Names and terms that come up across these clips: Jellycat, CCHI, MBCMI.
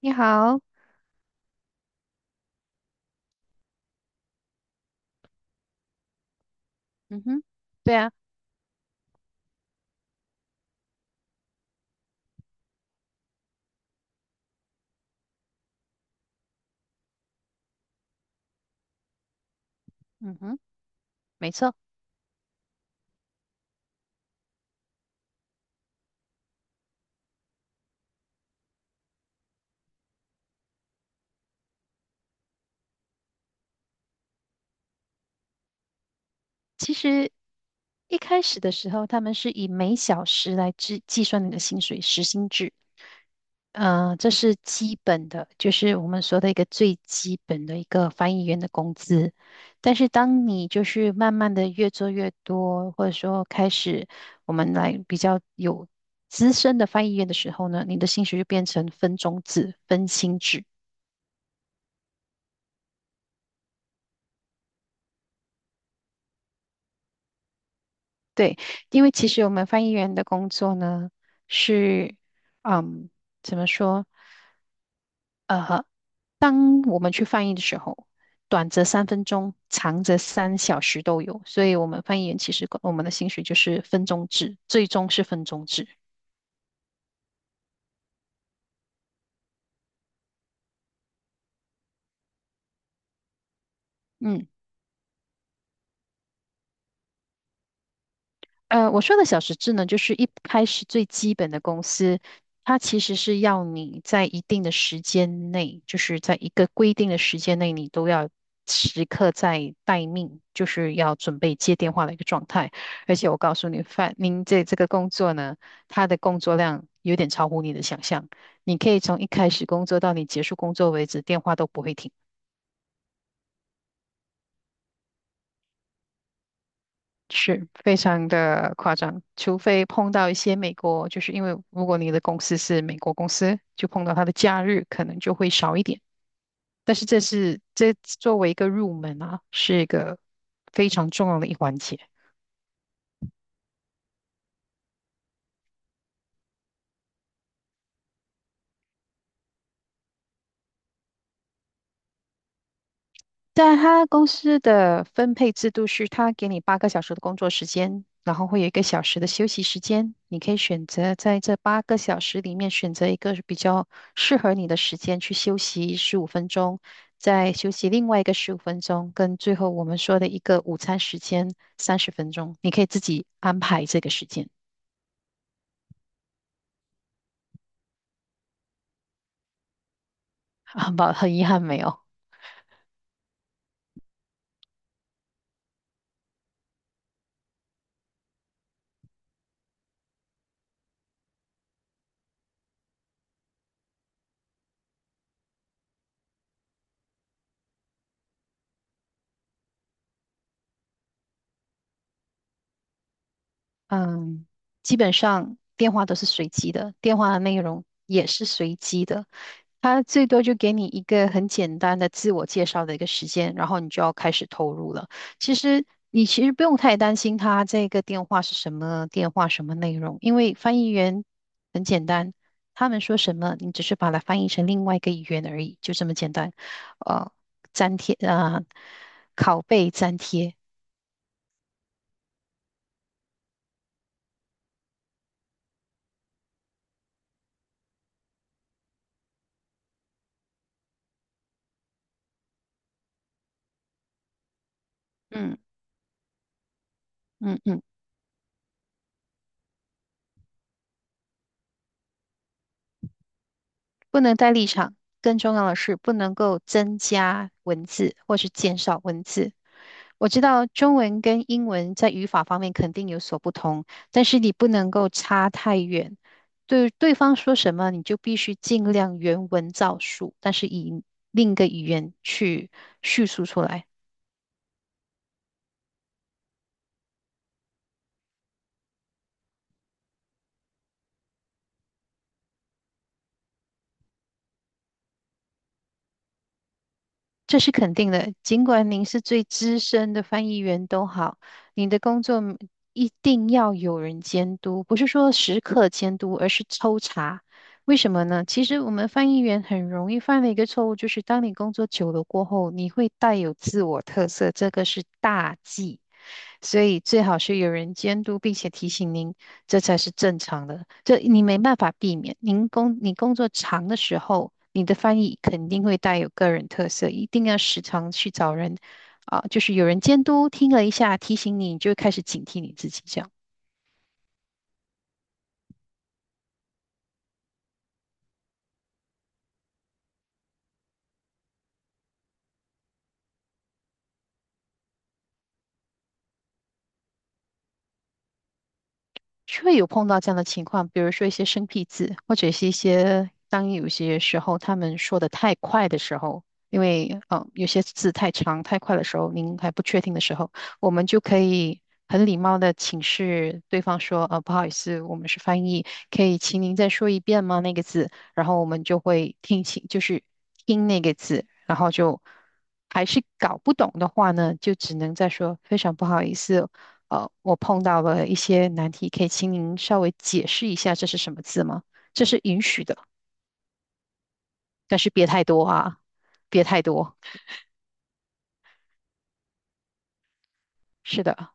你好。嗯哼。对啊。嗯哼。没错。其实一开始的时候，他们是以每小时来计算你的薪水，时薪制。这是基本的，就是我们说的一个最基本的一个翻译员的工资。但是当你就是慢慢的越做越多，或者说开始我们来比较有资深的翻译员的时候呢，你的薪水就变成分钟制、分薪制。对。因为其实我们翻译员的工作呢，是，嗯，怎么说？呃，当我们去翻译的时候，短则3分钟，长则3小时都有。所以，我们翻译员其实我们的薪水就是分钟制，最终是分钟制。嗯。我说的小时制呢，就是一开始最基本的公司，它其实是要你在一定的时间内，就是在一个规定的时间内，你都要时刻在待命，就是要准备接电话的一个状态。而且我告诉你，范，您这个工作呢，它的工作量有点超乎你的想象，你可以从一开始工作到你结束工作为止，电话都不会停。是非常的夸张，除非碰到一些美国，就是因为如果你的公司是美国公司，就碰到它的假日可能就会少一点。但是这作为一个入门啊，是一个非常重要的一环节。但他公司的分配制度是，他给你八个小时的工作时间，然后会有一个小时的休息时间。你可以选择在这八个小时里面选择一个比较适合你的时间去休息十五分钟，再休息另外一个十五分钟，跟最后我们说的一个午餐时间30分钟，你可以自己安排这个时间。很遗憾没有。嗯，基本上电话都是随机的，电话的内容也是随机的。他最多就给你一个很简单的自我介绍的一个时间，然后你就要开始投入了。其实不用太担心他这个电话是什么电话，什么内容，因为翻译员很简单，他们说什么，你只是把它翻译成另外一个语言而已，就这么简单。呃，粘贴啊，拷贝粘贴。嗯嗯嗯。不能带立场，更重要的是不能够增加文字或是减少文字。我知道中文跟英文在语法方面肯定有所不同，但是你不能够差太远。对对方说什么，你就必须尽量原文照述，但是以另一个语言去叙述出来。这是肯定的，尽管您是最资深的翻译员都好，你的工作一定要有人监督，不是说时刻监督，而是抽查。为什么呢？其实我们翻译员很容易犯的一个错误，就是当你工作久了过后，你会带有自我特色，这个是大忌。所以最好是有人监督，并且提醒您，这才是正常的。这你没办法避免。你工作长的时候，你的翻译肯定会带有个人特色，一定要时常去找人啊，就是有人监督，听了一下提醒你，你就会开始警惕你自己这样。会有碰到这样的情况，比如说一些生僻字，或者是一些当有些时候他们说的太快的时候，因为有些字太长太快的时候，您还不确定的时候，我们就可以很礼貌的请示对方说，不好意思，我们是翻译，可以请您再说一遍吗？那个字，然后我们就会听清，就是听那个字，然后就还是搞不懂的话呢，就只能再说非常不好意思。我碰到了一些难题，可以请您稍微解释一下这是什么字吗？这是允许的，但是别太多啊，别太多。是的，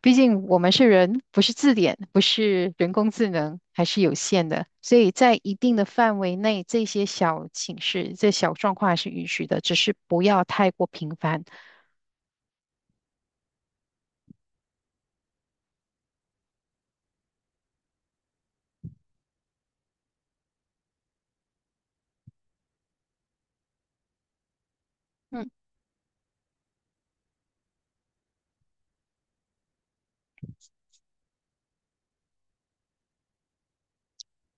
毕竟我们是人，不是字典，不是人工智能，还是有限的。所以在一定的范围内，这些小请示、这小状况还是允许的，只是不要太过频繁。嗯。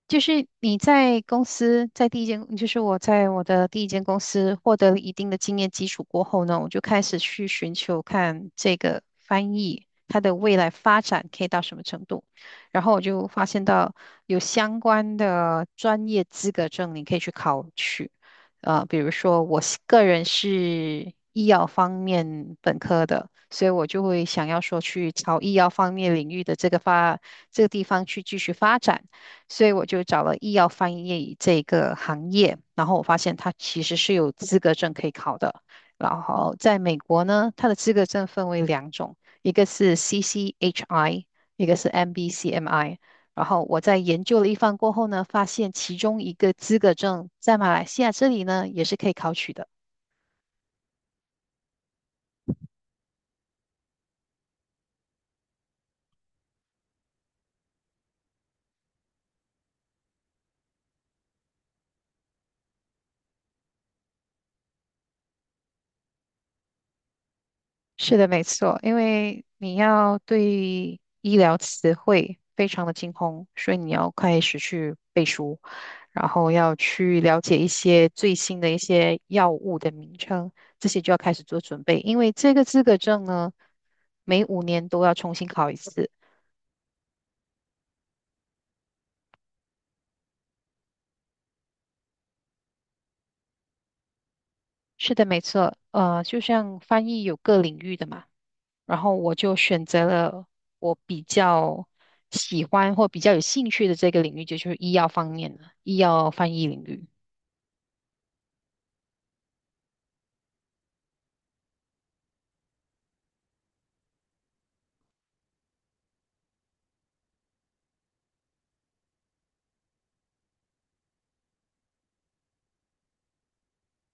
就是你在公司，在第一间，就是我在我的第一间公司获得了一定的经验基础过后呢，我就开始去寻求看这个翻译它的未来发展可以到什么程度。然后我就发现到有相关的专业资格证，你可以去考取。比如说我是个人是医药方面本科的，所以我就会想要说去朝医药方面领域的这个发这个地方去继续发展。所以我就找了医药翻译这个行业，然后我发现它其实是有资格证可以考的。然后在美国呢，它的资格证分为两种，一个是 CCHI，一个是 MBCMI。然后我在研究了一番过后呢，发现其中一个资格证在马来西亚这里呢也是可以考取的。是的，没错，因为你要对医疗词汇非常的精通，所以你要开始去背书，然后要去了解一些最新的一些药物的名称，这些就要开始做准备，因为这个资格证呢，每5年都要重新考一次。是的，没错，就像翻译有各领域的嘛。然后我就选择了我比较喜欢或比较有兴趣的这个领域，就是医药方面的医药翻译领域。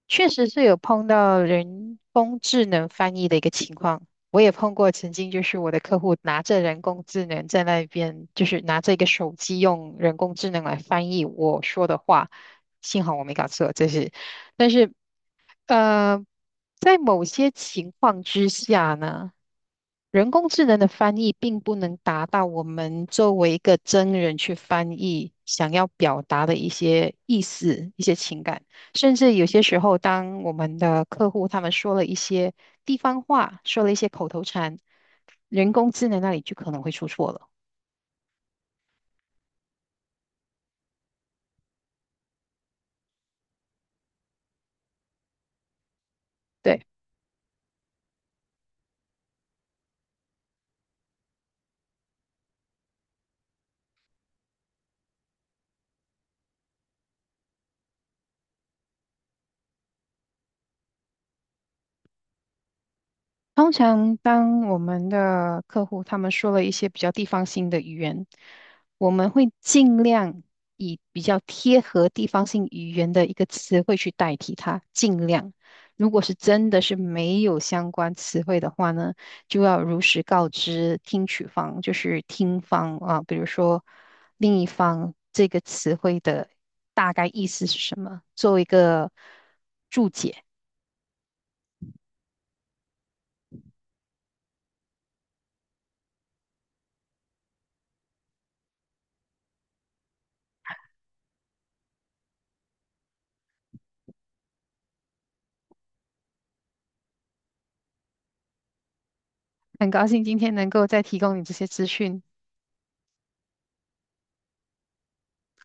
确实是有碰到人工智能翻译的一个情况。我也碰过，曾经就是我的客户拿着人工智能在那边，就是拿着一个手机用人工智能来翻译我说的话，幸好我没搞错，这是，但是，呃，在某些情况之下呢。人工智能的翻译并不能达到我们作为一个真人去翻译想要表达的一些意思、一些情感，甚至有些时候，当我们的客户他们说了一些地方话，说了一些口头禅，人工智能那里就可能会出错了。对。通常，当我们的客户他们说了一些比较地方性的语言，我们会尽量以比较贴合地方性语言的一个词汇去代替它。尽量，如果是真的是没有相关词汇的话呢，就要如实告知听取方，就是听方啊，比如说另一方这个词汇的大概意思是什么，做一个注解。很高兴今天能够再提供你这些资讯。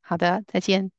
好的，再见。